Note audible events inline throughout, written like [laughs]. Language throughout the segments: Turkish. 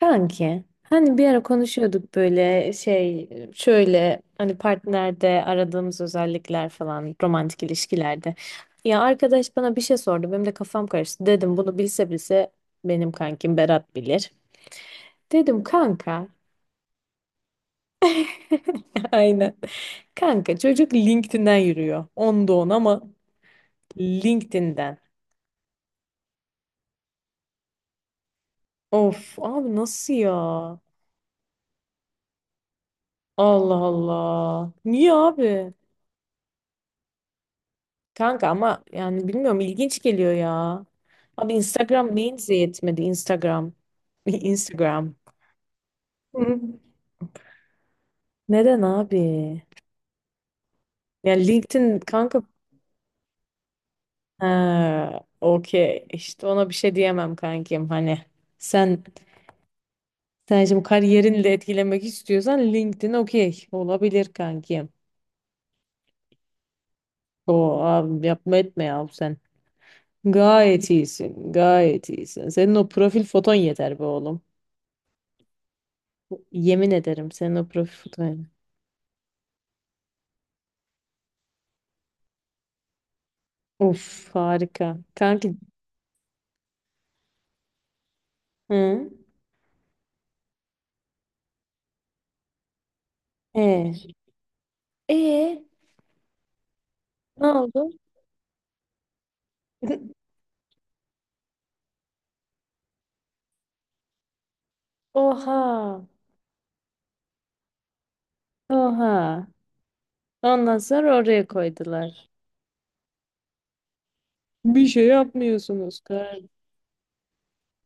Kanki hani bir ara konuşuyorduk böyle şey şöyle hani partnerde aradığımız özellikler falan romantik ilişkilerde. Ya arkadaş bana bir şey sordu benim de kafam karıştı dedim bunu bilse bilse benim kankim Berat bilir. Dedim kanka. [laughs] Aynen kanka çocuk LinkedIn'den yürüyor onda on ama LinkedIn'den. Of abi nasıl ya. Allah Allah niye abi? Kanka ama yani bilmiyorum ilginç geliyor ya. Abi Instagram neyinize yetmedi Instagram. [laughs] Instagram. Hı. Neden abi? Yani LinkedIn kanka. Ha, okey işte ona bir şey diyemem kankim hani sen sen şimdi kariyerinle etkilemek istiyorsan LinkedIn okey olabilir kankim. O abi yapma etme ya sen. Gayet iyisin, gayet iyisin. Senin o profil foton yeter be oğlum. Yemin ederim senin o profil foton. Of harika. Kanki. Hı? E. E ne oldu? [laughs] Oha. Oha. Ondan sonra oraya koydular. Bir şey yapmıyorsunuz kanka.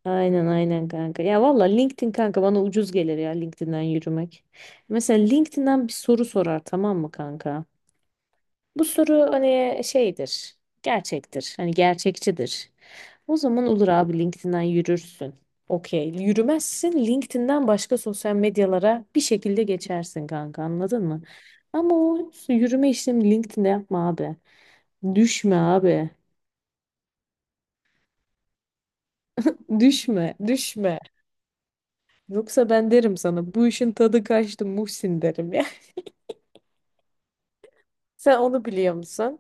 Aynen aynen kanka. Ya valla LinkedIn kanka bana ucuz gelir ya LinkedIn'den yürümek. Mesela LinkedIn'den bir soru sorar tamam mı kanka? Bu soru hani şeydir, gerçektir, hani gerçekçidir. O zaman olur abi LinkedIn'den yürürsün. Okey, yürümezsin LinkedIn'den başka sosyal medyalara bir şekilde geçersin kanka anladın mı? Ama o yürüme işlemi LinkedIn'de yapma abi. Düşme abi. Düşme, düşme. Yoksa ben derim sana bu işin tadı kaçtı Muhsin derim ya. [laughs] Sen onu biliyor musun?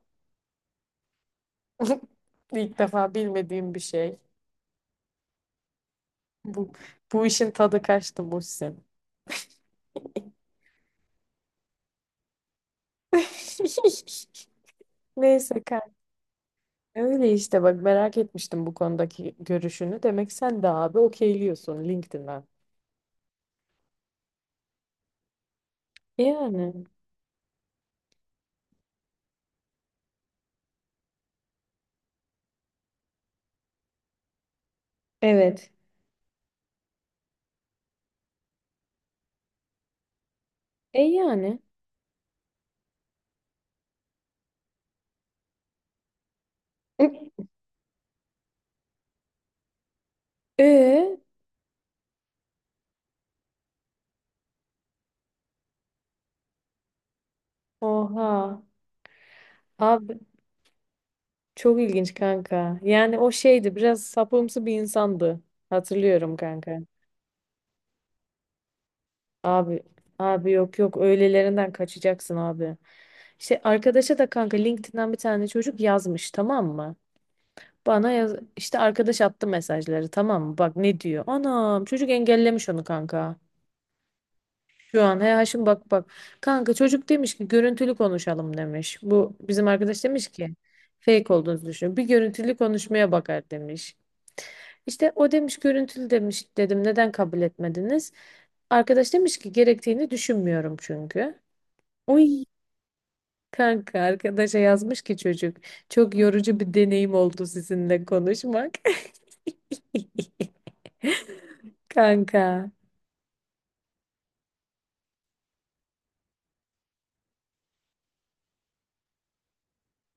[laughs] İlk defa bilmediğim bir şey. Bu, bu işin tadı kaçtı Muhsin. [laughs] Neyse kanka. Öyle işte bak merak etmiştim bu konudaki görüşünü. Demek sen de abi okeyliyorsun LinkedIn'den. Yani. Evet. E yani. [laughs] E oha. Abi çok ilginç kanka. Yani o şeydi biraz sapımsı bir insandı. Hatırlıyorum kanka. Abi abi yok yok öylelerinden kaçacaksın abi. İşte arkadaşa da kanka LinkedIn'den bir tane çocuk yazmış tamam mı? Bana yaz işte arkadaş attı mesajları tamam mı? Bak ne diyor? Anam çocuk engellemiş onu kanka. Şu an he Haşim bak bak. Kanka çocuk demiş ki görüntülü konuşalım demiş. Bu bizim arkadaş demiş ki fake olduğunuzu düşünüyorum. Bir görüntülü konuşmaya bakar demiş. İşte o demiş görüntülü demiş dedim neden kabul etmediniz? Arkadaş demiş ki gerektiğini düşünmüyorum çünkü. Oy kanka arkadaşa yazmış ki çocuk çok yorucu bir deneyim oldu sizinle konuşmak. [laughs] Kanka.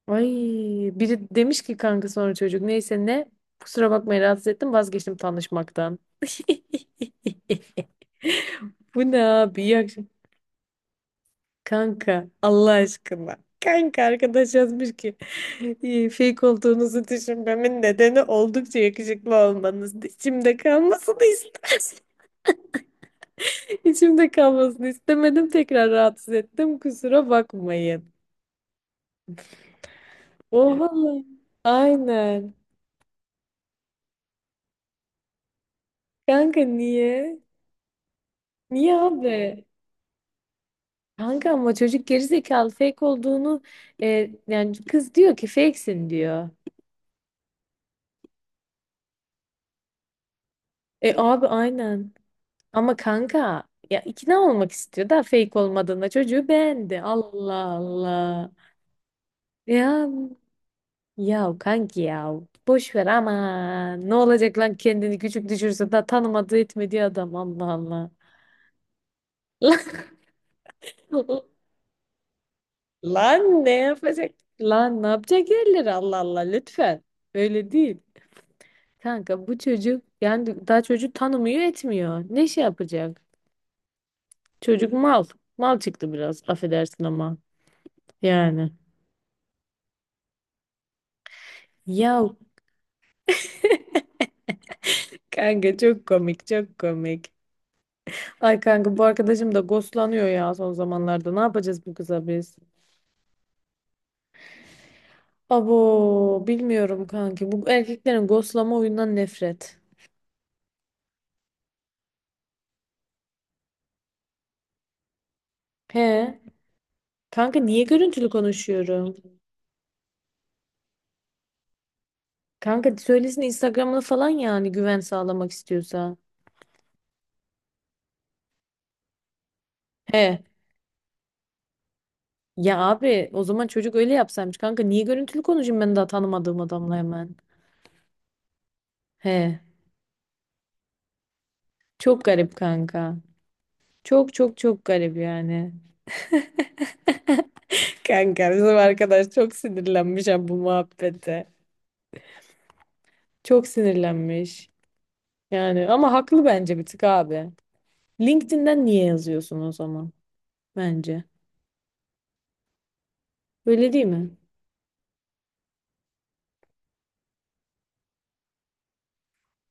Ay biri demiş ki kanka sonra çocuk neyse ne kusura bakmayın rahatsız ettim vazgeçtim tanışmaktan. [laughs] Bu ne abi iyi akşam. Kanka Allah aşkına. Kanka arkadaş yazmış ki "İyi, fake olduğunuzu düşünmemin nedeni oldukça yakışıklı olmanız. İçimde kalmasını istedim. [laughs] İçimde kalmasını istemedim tekrar rahatsız ettim kusura bakmayın. Oha. Lan. Aynen. Kanka niye? Niye abi? Kanka ama çocuk gerizekalı fake olduğunu yani kız diyor ki fakesin diyor. E abi aynen. Ama kanka ya ikna olmak istiyor da fake olmadığında çocuğu beğendi. Allah Allah. Ya ya kanki ya boş ver ama ne olacak lan kendini küçük düşürse da tanımadığı etmediği adam Allah Allah. Lan, [laughs] lan ne yapacak? Lan ne yapacak yerleri Allah Allah lütfen. Öyle değil. Kanka bu çocuk yani daha çocuk tanımıyor etmiyor. Ne şey yapacak? Çocuk mal. Mal çıktı biraz affedersin ama. Yani. Ya [laughs] kanka çok komik çok komik. Ay kanka bu arkadaşım da ghostlanıyor ya son zamanlarda. Ne yapacağız bu kıza biz? Abo bilmiyorum kanki. Bu erkeklerin ghostlama oyundan nefret. He. Kanka niye görüntülü konuşuyorum? Kanka söylesin Instagram'ını falan yani güven sağlamak istiyorsa. He. Ya abi o zaman çocuk öyle yapsaymış kanka. Niye görüntülü konuşayım ben daha tanımadığım adamla hemen? He. Çok garip kanka. Çok çok çok garip yani. [laughs] Kanka bizim arkadaş çok sinirlenmiş ha bu muhabbete. Çok sinirlenmiş. Yani ama haklı bence bir tık abi. LinkedIn'den niye yazıyorsun o zaman? Bence. Öyle değil mi?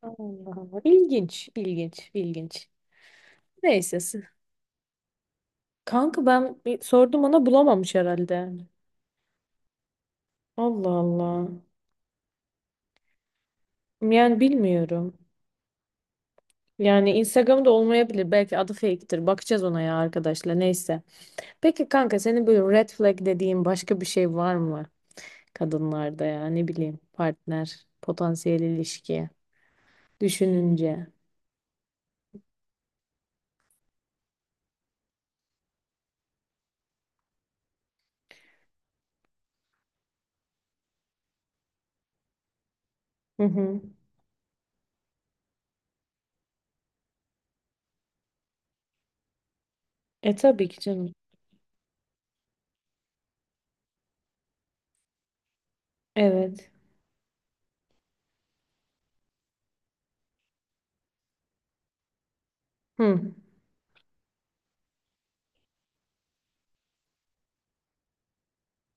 Allah Allah. İlginç, ilginç, ilginç. Neyse. Kanka ben bir sordum ona bulamamış herhalde. Allah Allah. Yani bilmiyorum. Yani Instagram'da olmayabilir. Belki adı fake'tir. Bakacağız ona ya arkadaşlar. Neyse. Peki kanka senin böyle red flag dediğin başka bir şey var mı? Kadınlarda ya ne bileyim partner, potansiyel ilişki düşününce. Hı hı. E tabii ki canım. Evet. Hı.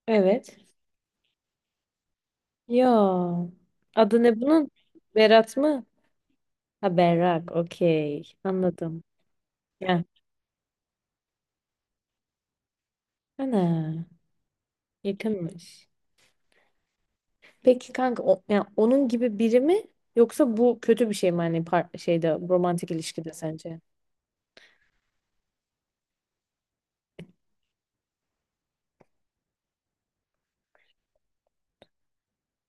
Evet. Ya. Adı ne bunun? Berat mı? Ha Berrak. Okey. Anladım. Ya. Ana. Yakınmış. Peki kanka o, yani onun gibi biri mi yoksa bu kötü bir şey mi hani şeyde romantik ilişkide sence?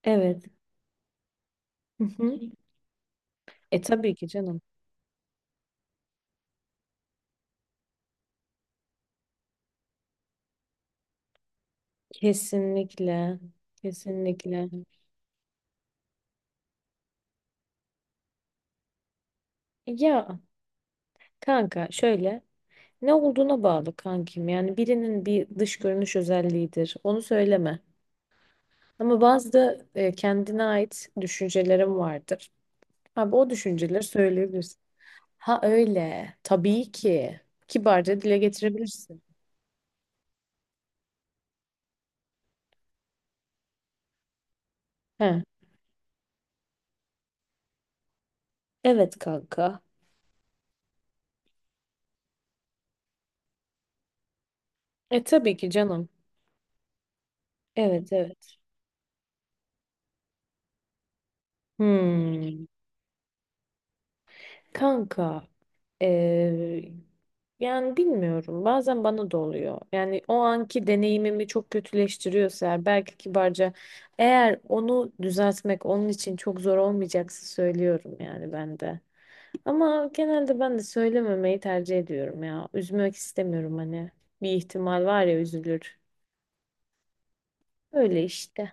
Evet. Hı hı. E tabii ki canım. Kesinlikle. Kesinlikle. Ya kanka şöyle ne olduğuna bağlı kankim. Yani birinin bir dış görünüş özelliğidir. Onu söyleme. Ama bazı da kendine ait düşüncelerim vardır. Abi o düşünceleri söyleyebilirsin. Ha öyle. Tabii ki. Kibarca dile getirebilirsin. He. Evet kanka. E tabii ki canım. Evet evet. Hmm. Kanka, eee, yani bilmiyorum. Bazen bana da oluyor. Yani o anki deneyimimi çok kötüleştiriyorsa eğer, belki kibarca eğer onu düzeltmek onun için çok zor olmayacaksa söylüyorum yani ben de. Ama genelde ben de söylememeyi tercih ediyorum ya. Üzmek istemiyorum hani. Bir ihtimal var ya üzülür. Öyle işte.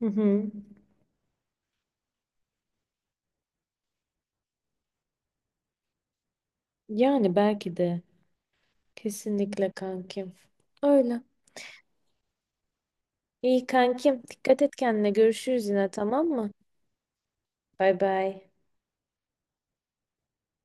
Hı hı. Yani belki de. Kesinlikle kankim. Öyle. İyi kankim. Dikkat et kendine. Görüşürüz yine tamam mı? Bay bay.